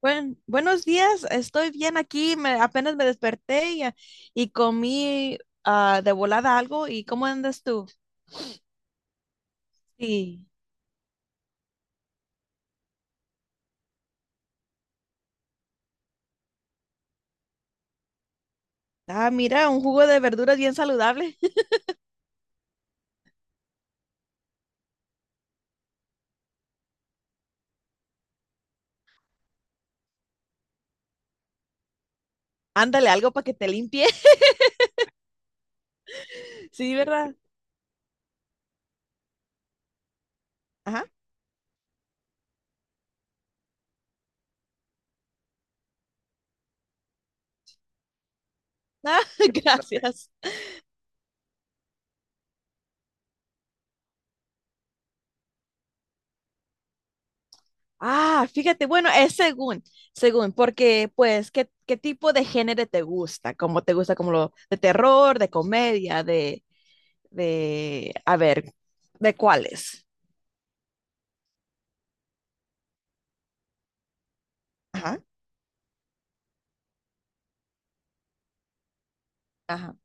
Buenos días, estoy bien aquí, apenas me desperté y comí de volada algo. ¿Y cómo andas tú? Sí. Ah, mira, un jugo de verduras bien saludable. Ándale, algo para que te limpie. Sí, ¿verdad? Ajá. Ah, gracias. Ah, fíjate, bueno, es según, porque pues, ¿ qué tipo de género te gusta? ¿Cómo te gusta? ¿Como lo de terror, de comedia, a ver, ¿de cuáles? Ajá. Ajá.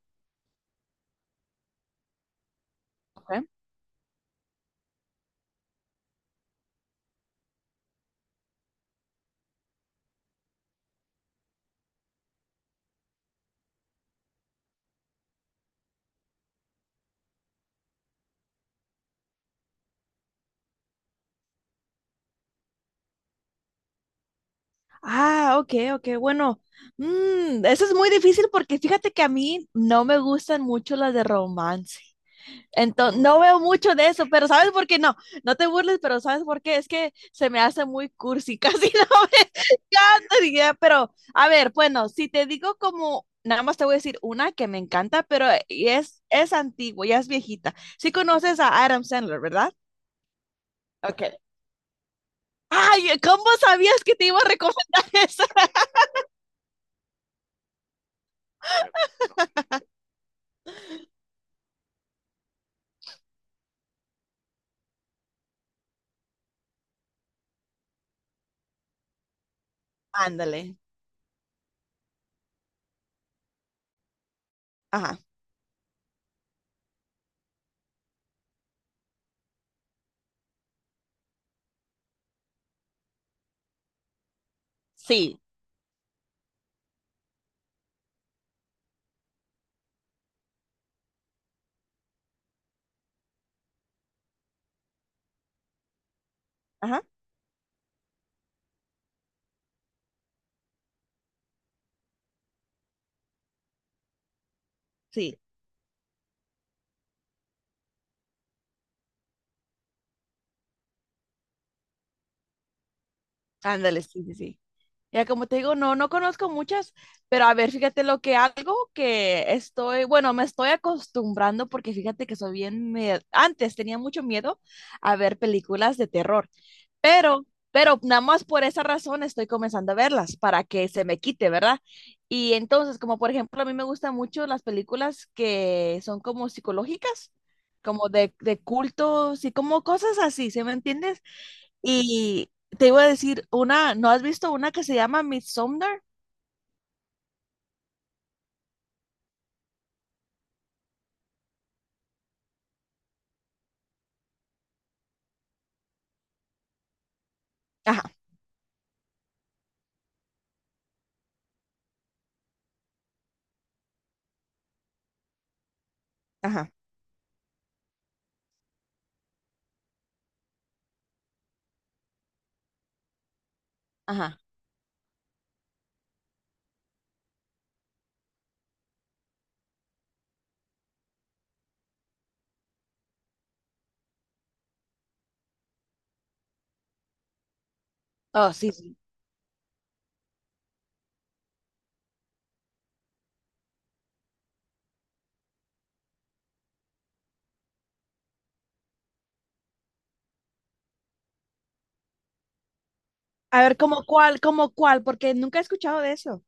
Ok. Ah, ok, bueno, eso es muy difícil porque fíjate que a mí no me gustan mucho las de romance. Entonces, no veo mucho de eso, pero ¿sabes por qué no? No te burles, pero ¿sabes por qué? Es que se me hace muy cursi, casi no me encanta, diría, pero a ver, bueno, si te digo como, nada más te voy a decir una que me encanta, pero y es antigua, ya es viejita. Sí conoces a Adam Sandler, ¿verdad? Ok. Ay, ¿cómo sabías que te iba a recomendar esa? Ándale. Ajá. Sí, ajá, sí, ándale, sí, sí, sí. Ya como te digo, no, no conozco muchas, pero a ver, fíjate lo que algo que estoy, bueno, me estoy acostumbrando porque fíjate que soy bien, antes tenía mucho miedo a ver películas de terror, pero, pero nada más por esa razón estoy comenzando a verlas para que se me quite, ¿verdad? Y entonces, como por ejemplo, a mí me gustan mucho las películas que son como psicológicas, como de cultos y como cosas así, ¿se me entiendes? Y te iba a decir, una, ¿no has visto una que se llama Midsommar? Ajá, ajá, ajá. Oh, sí, sí. A ver, ¿ cómo cuál? Porque nunca he escuchado de eso.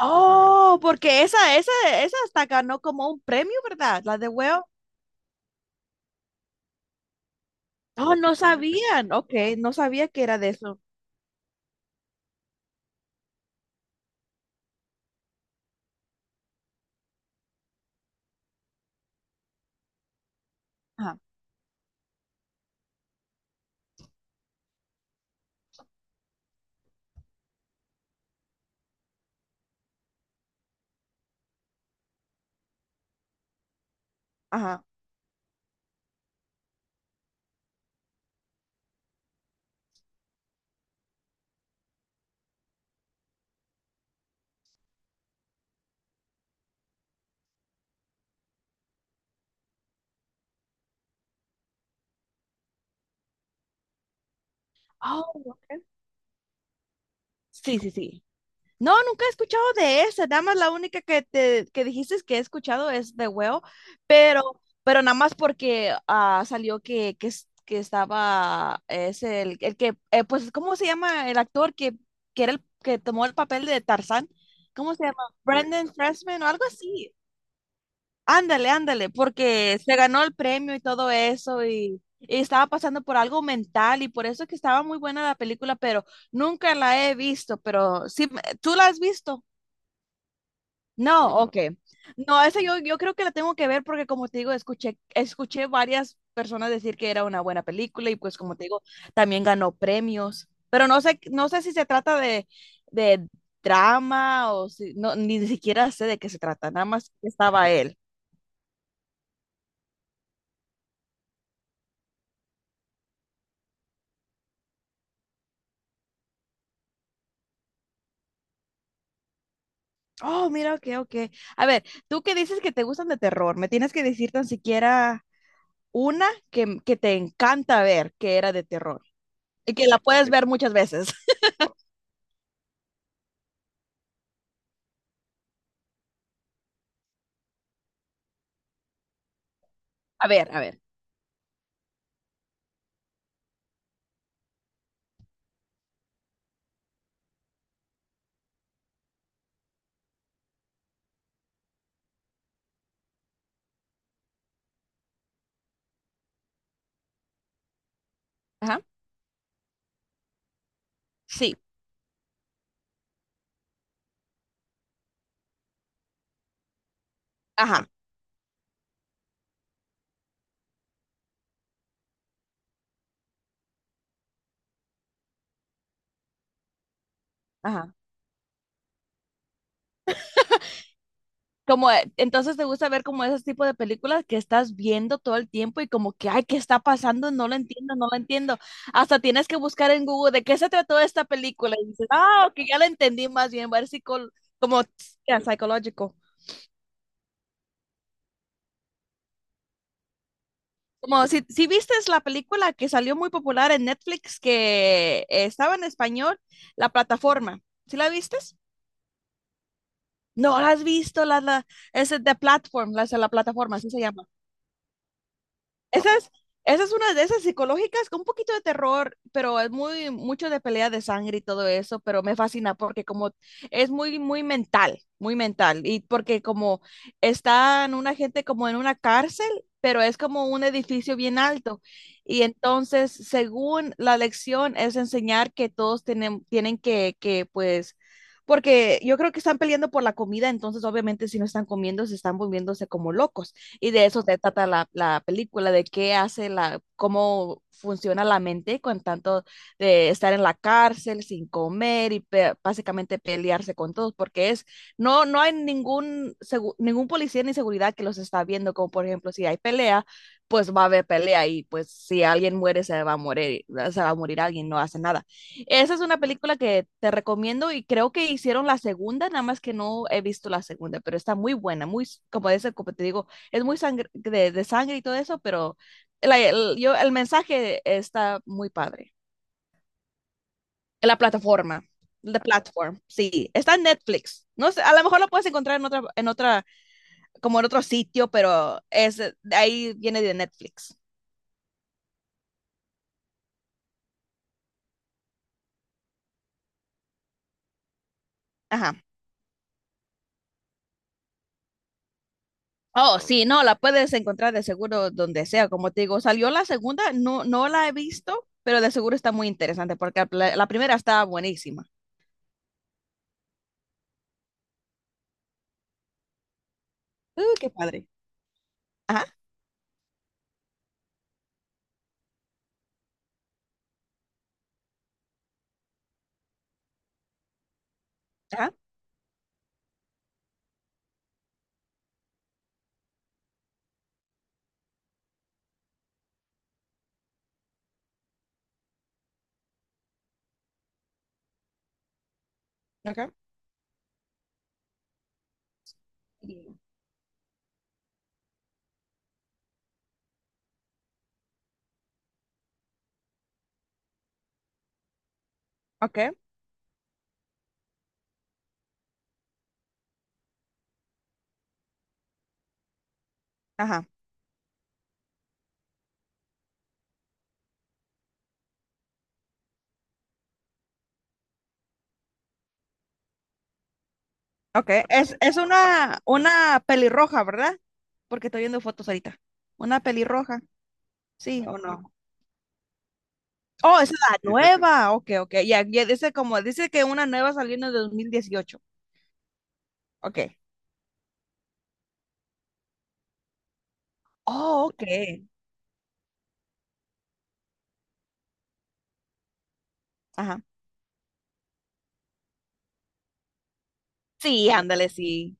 Oh, porque esa hasta ganó como un premio, ¿verdad? La de Well. Oh, no sabían. Ok, no sabía que era de eso. Ajá, ajá. Oh, ok. Sí, sí, sí. No, nunca he escuchado de esa. Nada más la única que te que dijiste que he escuchado es de huevo, pero nada más porque ah, salió que estaba, el que, pues, ¿cómo se llama el actor que era el que tomó el papel de Tarzán? ¿Cómo se llama? Brendan Freshman o algo así. Ándale, ándale, porque se ganó el premio y todo eso y estaba pasando por algo mental y por eso que estaba muy buena la película, pero nunca la he visto, pero sí, ¿tú la has visto? No, ok. No, yo creo que la tengo que ver porque como te digo, escuché varias personas decir que era una buena película y pues como te digo, también ganó premios. Pero no sé, no sé si se trata de drama o si, no, ni siquiera sé de qué se trata, nada más que estaba él. Oh, mira, ok, ok. A ver, tú que dices que te gustan de terror, me tienes que decir tan siquiera una que te encanta ver que era de terror y que la puedes ver muchas veces. A ver, a ver. Ajá. Sí, ajá. Ajá. Como, entonces te gusta ver como esos tipos de películas que estás viendo todo el tiempo y como que, ay, ¿qué está pasando? No lo entiendo, no lo entiendo. Hasta tienes que buscar en Google de qué se trató esta película y dices, ah, ok, ya la entendí más bien, va a ver como, yeah, psicológico. Como si viste la película que salió muy popular en Netflix que estaba en español, La Plataforma. ¿Sí la vistes? No, la has visto, es de Platform, la plataforma, así se llama. Esa es, esa es una de esas psicológicas con un poquito de terror, pero es muy mucho de pelea de sangre y todo eso, pero me fascina porque como es muy mental, y porque como están una gente como en una cárcel, pero es como un edificio bien alto. Y entonces, según la lección, es enseñar que tienen que, pues, porque yo creo que están peleando por la comida, entonces obviamente si no están comiendo, se están volviéndose como locos. Y de eso se trata la película, de qué hace la, cómo funciona la mente con tanto de estar en la cárcel sin comer y básicamente pelearse con todos, porque es, no, no hay ningún policía ni seguridad que los está viendo, como por ejemplo si hay pelea, pues va a haber pelea y pues si alguien muere se va a morir, se va a morir alguien, no hace nada. Esa es una película que te recomiendo y creo que hicieron la segunda, nada más que no he visto la segunda, pero está muy buena, muy, como dice, como te digo, es muy sangre, de sangre y todo eso, pero el mensaje está muy padre. La plataforma, the platform, sí, está en Netflix. No sé, a lo mejor lo puedes encontrar en como en otro sitio, pero es, de ahí viene de Netflix. Ajá. Oh, ah, sí, no, la puedes encontrar de seguro donde sea. Como te digo, salió la segunda, no, no la he visto, pero de seguro está muy interesante porque la primera está buenísima. Uy, qué padre. Ajá, ajá. Okay. Sí. Ok, ajá. Ok, es una pelirroja, ¿verdad? Porque estoy viendo fotos ahorita. Una pelirroja, sí o no. Oh, es la... Sí, sí, sí, nueva. Ok, ok. Ya, ya dice como, dice que una nueva salió en el 2018. Ok. Oh, ok. Ajá. Sí.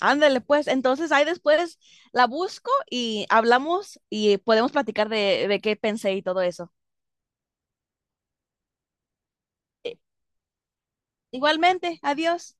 Ándale, pues. Entonces ahí después la busco y hablamos y podemos platicar de qué pensé y todo eso. Eh, Igualmente, adiós.